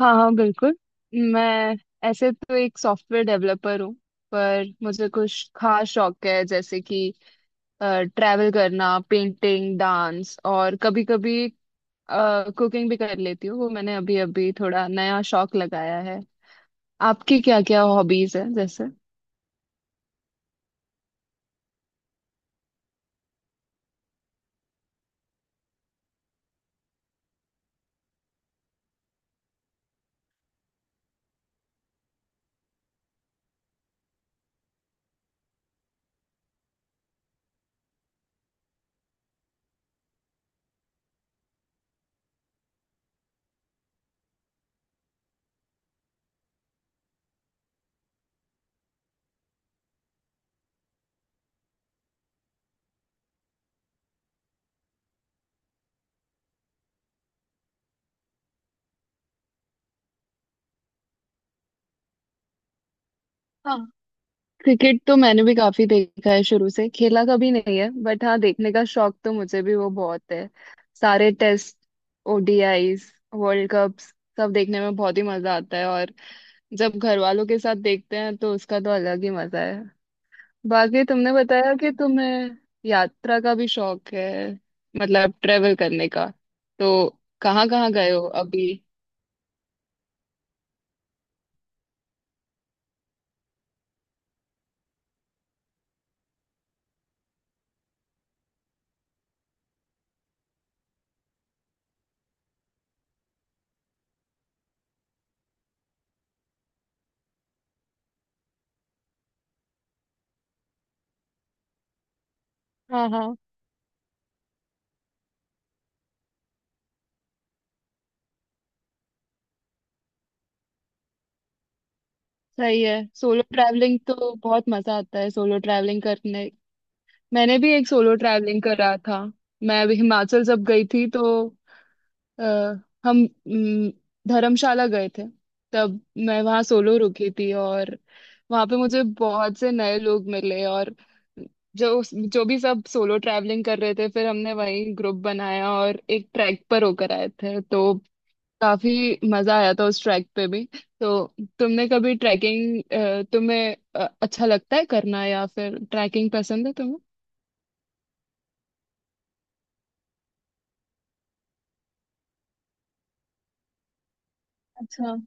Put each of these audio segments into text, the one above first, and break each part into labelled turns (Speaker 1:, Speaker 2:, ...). Speaker 1: हाँ हाँ, बिल्कुल। मैं ऐसे तो एक सॉफ्टवेयर डेवलपर हूँ, पर मुझे कुछ खास शौक है जैसे कि ट्रैवल करना, पेंटिंग, डांस और कभी कभी कुकिंग भी कर लेती हूँ। वो मैंने अभी अभी थोड़ा नया शौक लगाया है। आपकी क्या क्या हॉबीज है जैसे? क्रिकेट तो मैंने भी काफी देखा है, शुरू से खेला कभी नहीं है, बट हाँ देखने का शौक तो मुझे भी वो बहुत है। सारे टेस्ट, ओडीआईस, वर्ल्ड कप्स सब देखने में बहुत ही मजा आता है और जब घर वालों के साथ देखते हैं तो उसका तो अलग ही मजा है। बाकी तुमने बताया कि तुम्हें यात्रा का भी शौक है, मतलब ट्रेवल करने का, तो कहाँ कहाँ गए हो अभी? हाँ हाँ। सही है, सोलो ट्रैवलिंग तो बहुत मजा आता है सोलो ट्रैवलिंग करने। मैंने भी एक सोलो ट्रैवलिंग करा था। मैं अभी हिमाचल जब गई थी तो आ, हम हम्म, धर्मशाला गए थे तब। मैं वहाँ सोलो रुकी थी और वहाँ पे मुझे बहुत से नए लोग मिले और जो जो भी सब सोलो ट्रैवलिंग कर रहे थे, फिर हमने वहीं ग्रुप बनाया और एक ट्रैक पर होकर आए थे तो काफी मजा आया था उस ट्रैक पे भी। तो तुमने कभी ट्रैकिंग, तुम्हें अच्छा लगता है करना, या फिर ट्रैकिंग पसंद है तुम्हें?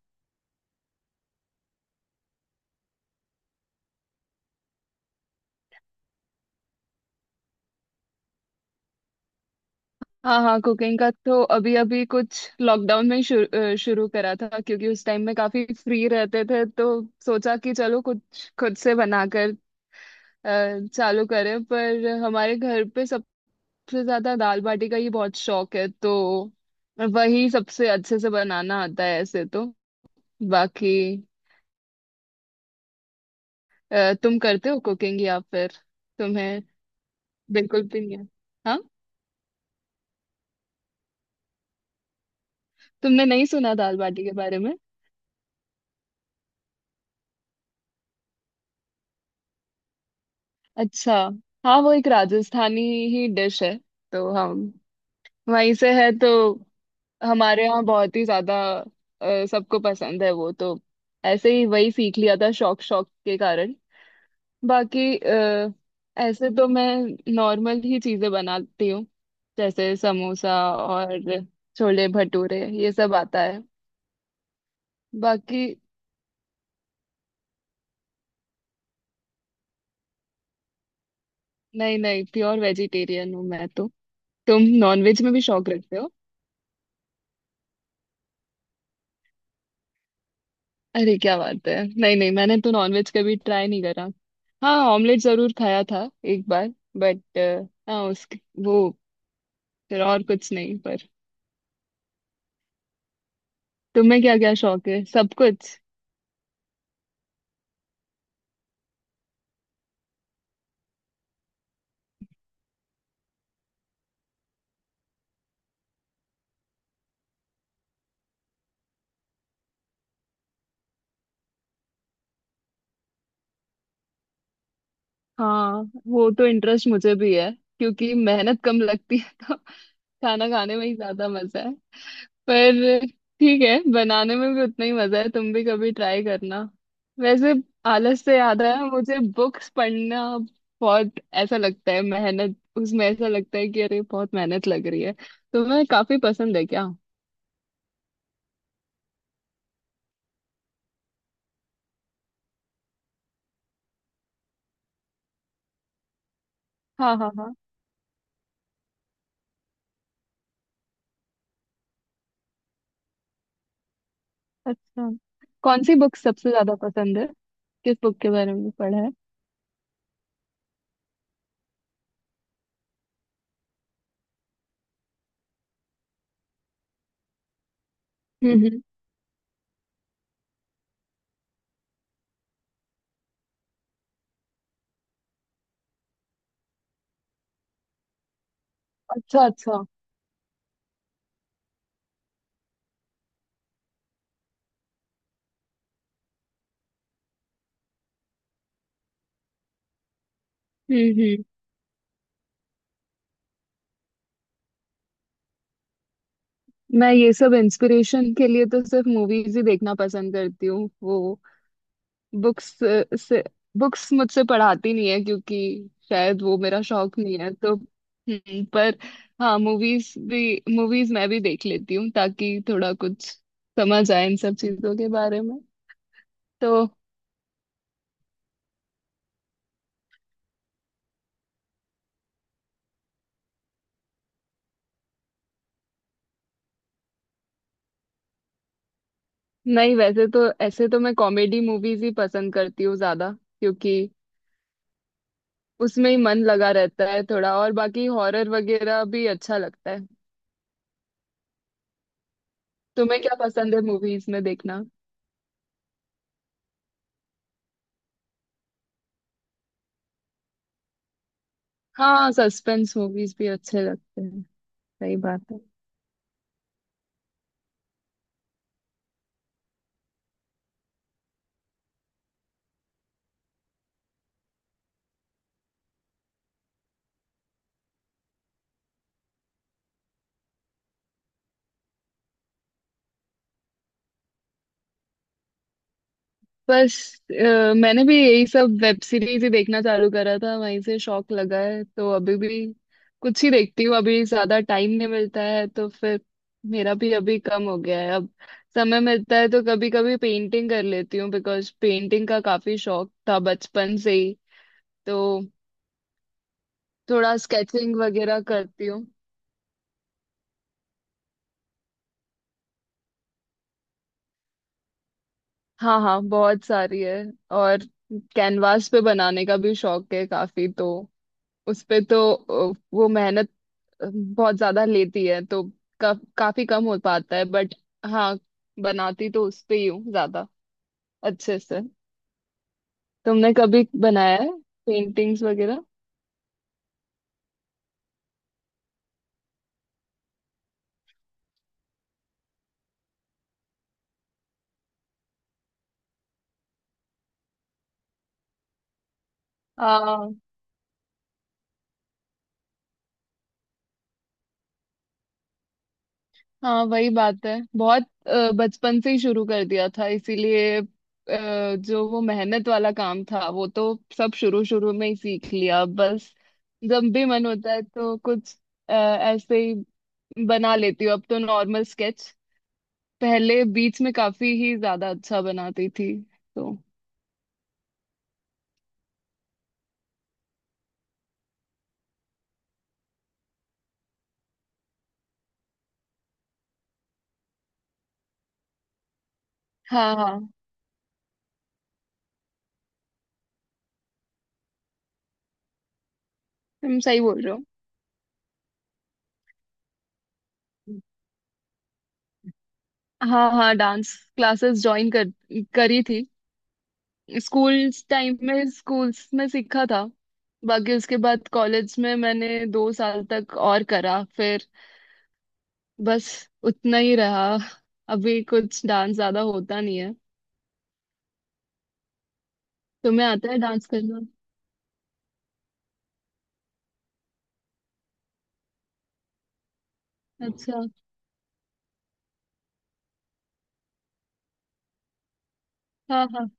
Speaker 1: हाँ हाँ, कुकिंग का तो अभी अभी कुछ लॉकडाउन में ही शुरू करा था, क्योंकि उस टाइम में काफी फ्री रहते थे तो सोचा कि चलो कुछ खुद से बनाकर चालू करें। पर हमारे घर पे सबसे ज्यादा दाल बाटी का ही बहुत शौक है तो वही सबसे अच्छे से बनाना आता है ऐसे तो। बाकी तुम करते हो कुकिंग या फिर तुम्हें बिल्कुल भी नहीं है? हाँ, तुमने नहीं सुना दाल बाटी के बारे में? अच्छा। हाँ वो एक राजस्थानी ही डिश है तो हम वहीं से है तो हमारे यहाँ बहुत ही ज्यादा सबको पसंद है वो तो। ऐसे ही वही सीख लिया था शौक शौक के कारण। बाकी ऐसे तो मैं नॉर्मल ही चीजें बनाती हूँ जैसे समोसा और छोले भटूरे, ये सब आता है। बाकी नहीं नहीं, प्योर वेजिटेरियन हूँ मैं तो। तुम नॉनवेज में भी शौक रखते हो? अरे क्या बात है! नहीं नहीं, मैंने तो नॉनवेज कभी ट्राई नहीं करा। हाँ, ऑमलेट जरूर खाया था एक बार, बट हाँ उसके वो फिर और कुछ नहीं, पर। तुम्हें क्या क्या शौक है, सब कुछ? हाँ वो तो इंटरेस्ट मुझे भी है, क्योंकि मेहनत कम लगती है तो खाना खाने में ही ज्यादा मजा है। पर ठीक है, बनाने में भी उतना ही मजा है, तुम भी कभी ट्राई करना वैसे। आलस से याद आया, मुझे बुक्स पढ़ना बहुत ऐसा लगता है मेहनत, उसमें ऐसा लगता है कि अरे बहुत मेहनत लग रही है। तुम्हें काफी पसंद है क्या? हाँ हाँ हाँ। अच्छा। कौन सी बुक सबसे ज्यादा पसंद है, किस बुक के बारे में पढ़ा है? हम्म हम्म। अच्छा अच्छा। हम्म। मैं ये सब इंस्पिरेशन के लिए तो सिर्फ मूवीज ही देखना पसंद करती हूँ, वो बुक्स से बुक्स मुझसे पढ़ाती नहीं है, क्योंकि शायद वो मेरा शौक नहीं है तो पर हाँ मूवीज भी मूवीज मैं भी देख लेती हूँ, ताकि थोड़ा कुछ समझ आए इन सब चीजों के बारे में तो। नहीं, वैसे तो ऐसे तो मैं कॉमेडी मूवीज ही पसंद करती हूँ ज्यादा, क्योंकि उसमें ही मन लगा रहता है थोड़ा और बाकी हॉरर वगैरह भी अच्छा लगता है। तुम्हें क्या पसंद है मूवीज में देखना? हाँ, सस्पेंस मूवीज भी अच्छे लगते हैं। सही बात है। बस मैंने भी यही सब वेब सीरीज ही देखना चालू करा था वहीं से शौक लगा है तो अभी भी कुछ ही देखती हूँ, अभी ज्यादा टाइम नहीं मिलता है तो फिर मेरा भी अभी कम हो गया है। अब समय मिलता है तो कभी कभी पेंटिंग कर लेती हूँ, बिकॉज पेंटिंग का काफी शौक था बचपन से ही तो थोड़ा स्केचिंग वगैरह करती हूँ। हाँ हाँ, बहुत सारी है। और कैनवास पे बनाने का भी शौक है काफी तो उस पे तो वो मेहनत बहुत ज्यादा लेती है तो काफी कम हो पाता है, बट हाँ बनाती तो उस पे ही हूँ ज्यादा अच्छे से। तुमने कभी बनाया है पेंटिंग्स वगैरह? हाँ हाँ, वही बात है, बहुत बचपन से ही शुरू कर दिया था इसीलिए जो वो मेहनत वाला काम था वो तो सब शुरू शुरू में ही सीख लिया बस। जब भी मन होता है तो कुछ ऐसे ही बना लेती हूँ अब तो नॉर्मल स्केच। पहले बीच में काफी ही ज्यादा अच्छा बनाती थी तो। हाँ हाँ, तुम सही बोल रहे हो। हाँ हाँ, डांस क्लासेस ज्वाइन कर करी थी। स्कूल टाइम में स्कूल्स में सीखा था। बाकी उसके बाद कॉलेज में मैंने 2 साल तक और करा, फिर बस, उतना ही रहा। अभी कुछ डांस ज्यादा होता नहीं है। तुम्हें आता है डांस करना? अच्छा। हाँ हाँ।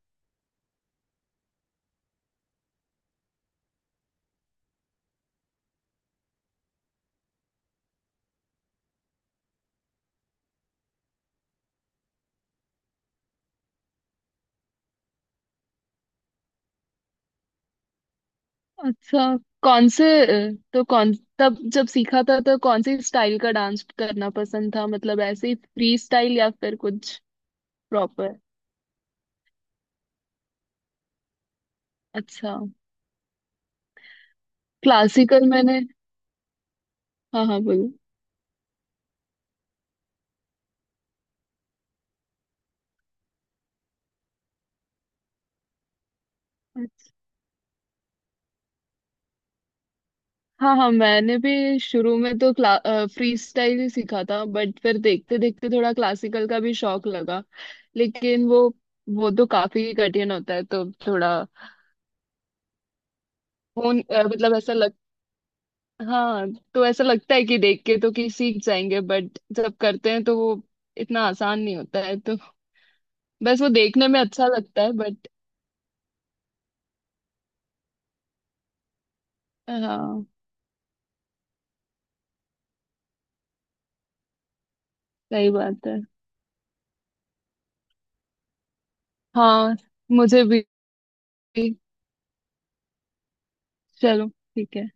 Speaker 1: अच्छा, कौन से तो कौन तब जब सीखा था तो कौन सी स्टाइल का डांस करना पसंद था, मतलब ऐसे ही फ्री स्टाइल या फिर कुछ प्रॉपर? अच्छा। क्लासिकल मैंने। हाँ हाँ, बोलो। हाँ हाँ, मैंने भी शुरू में तो क्ला फ्री स्टाइल ही सीखा था, बट फिर देखते देखते थोड़ा क्लासिकल का भी शौक लगा, लेकिन वो तो काफी कठिन होता है तो थोड़ा वो, मतलब ऐसा लगता, हाँ। तो ऐसा लगता है कि देख के तो कि सीख जाएंगे, बट जब करते हैं तो वो इतना आसान नहीं होता है तो बस वो देखने में अच्छा लगता है बट। हाँ सही बात है। हाँ मुझे भी। चलो, ठीक है।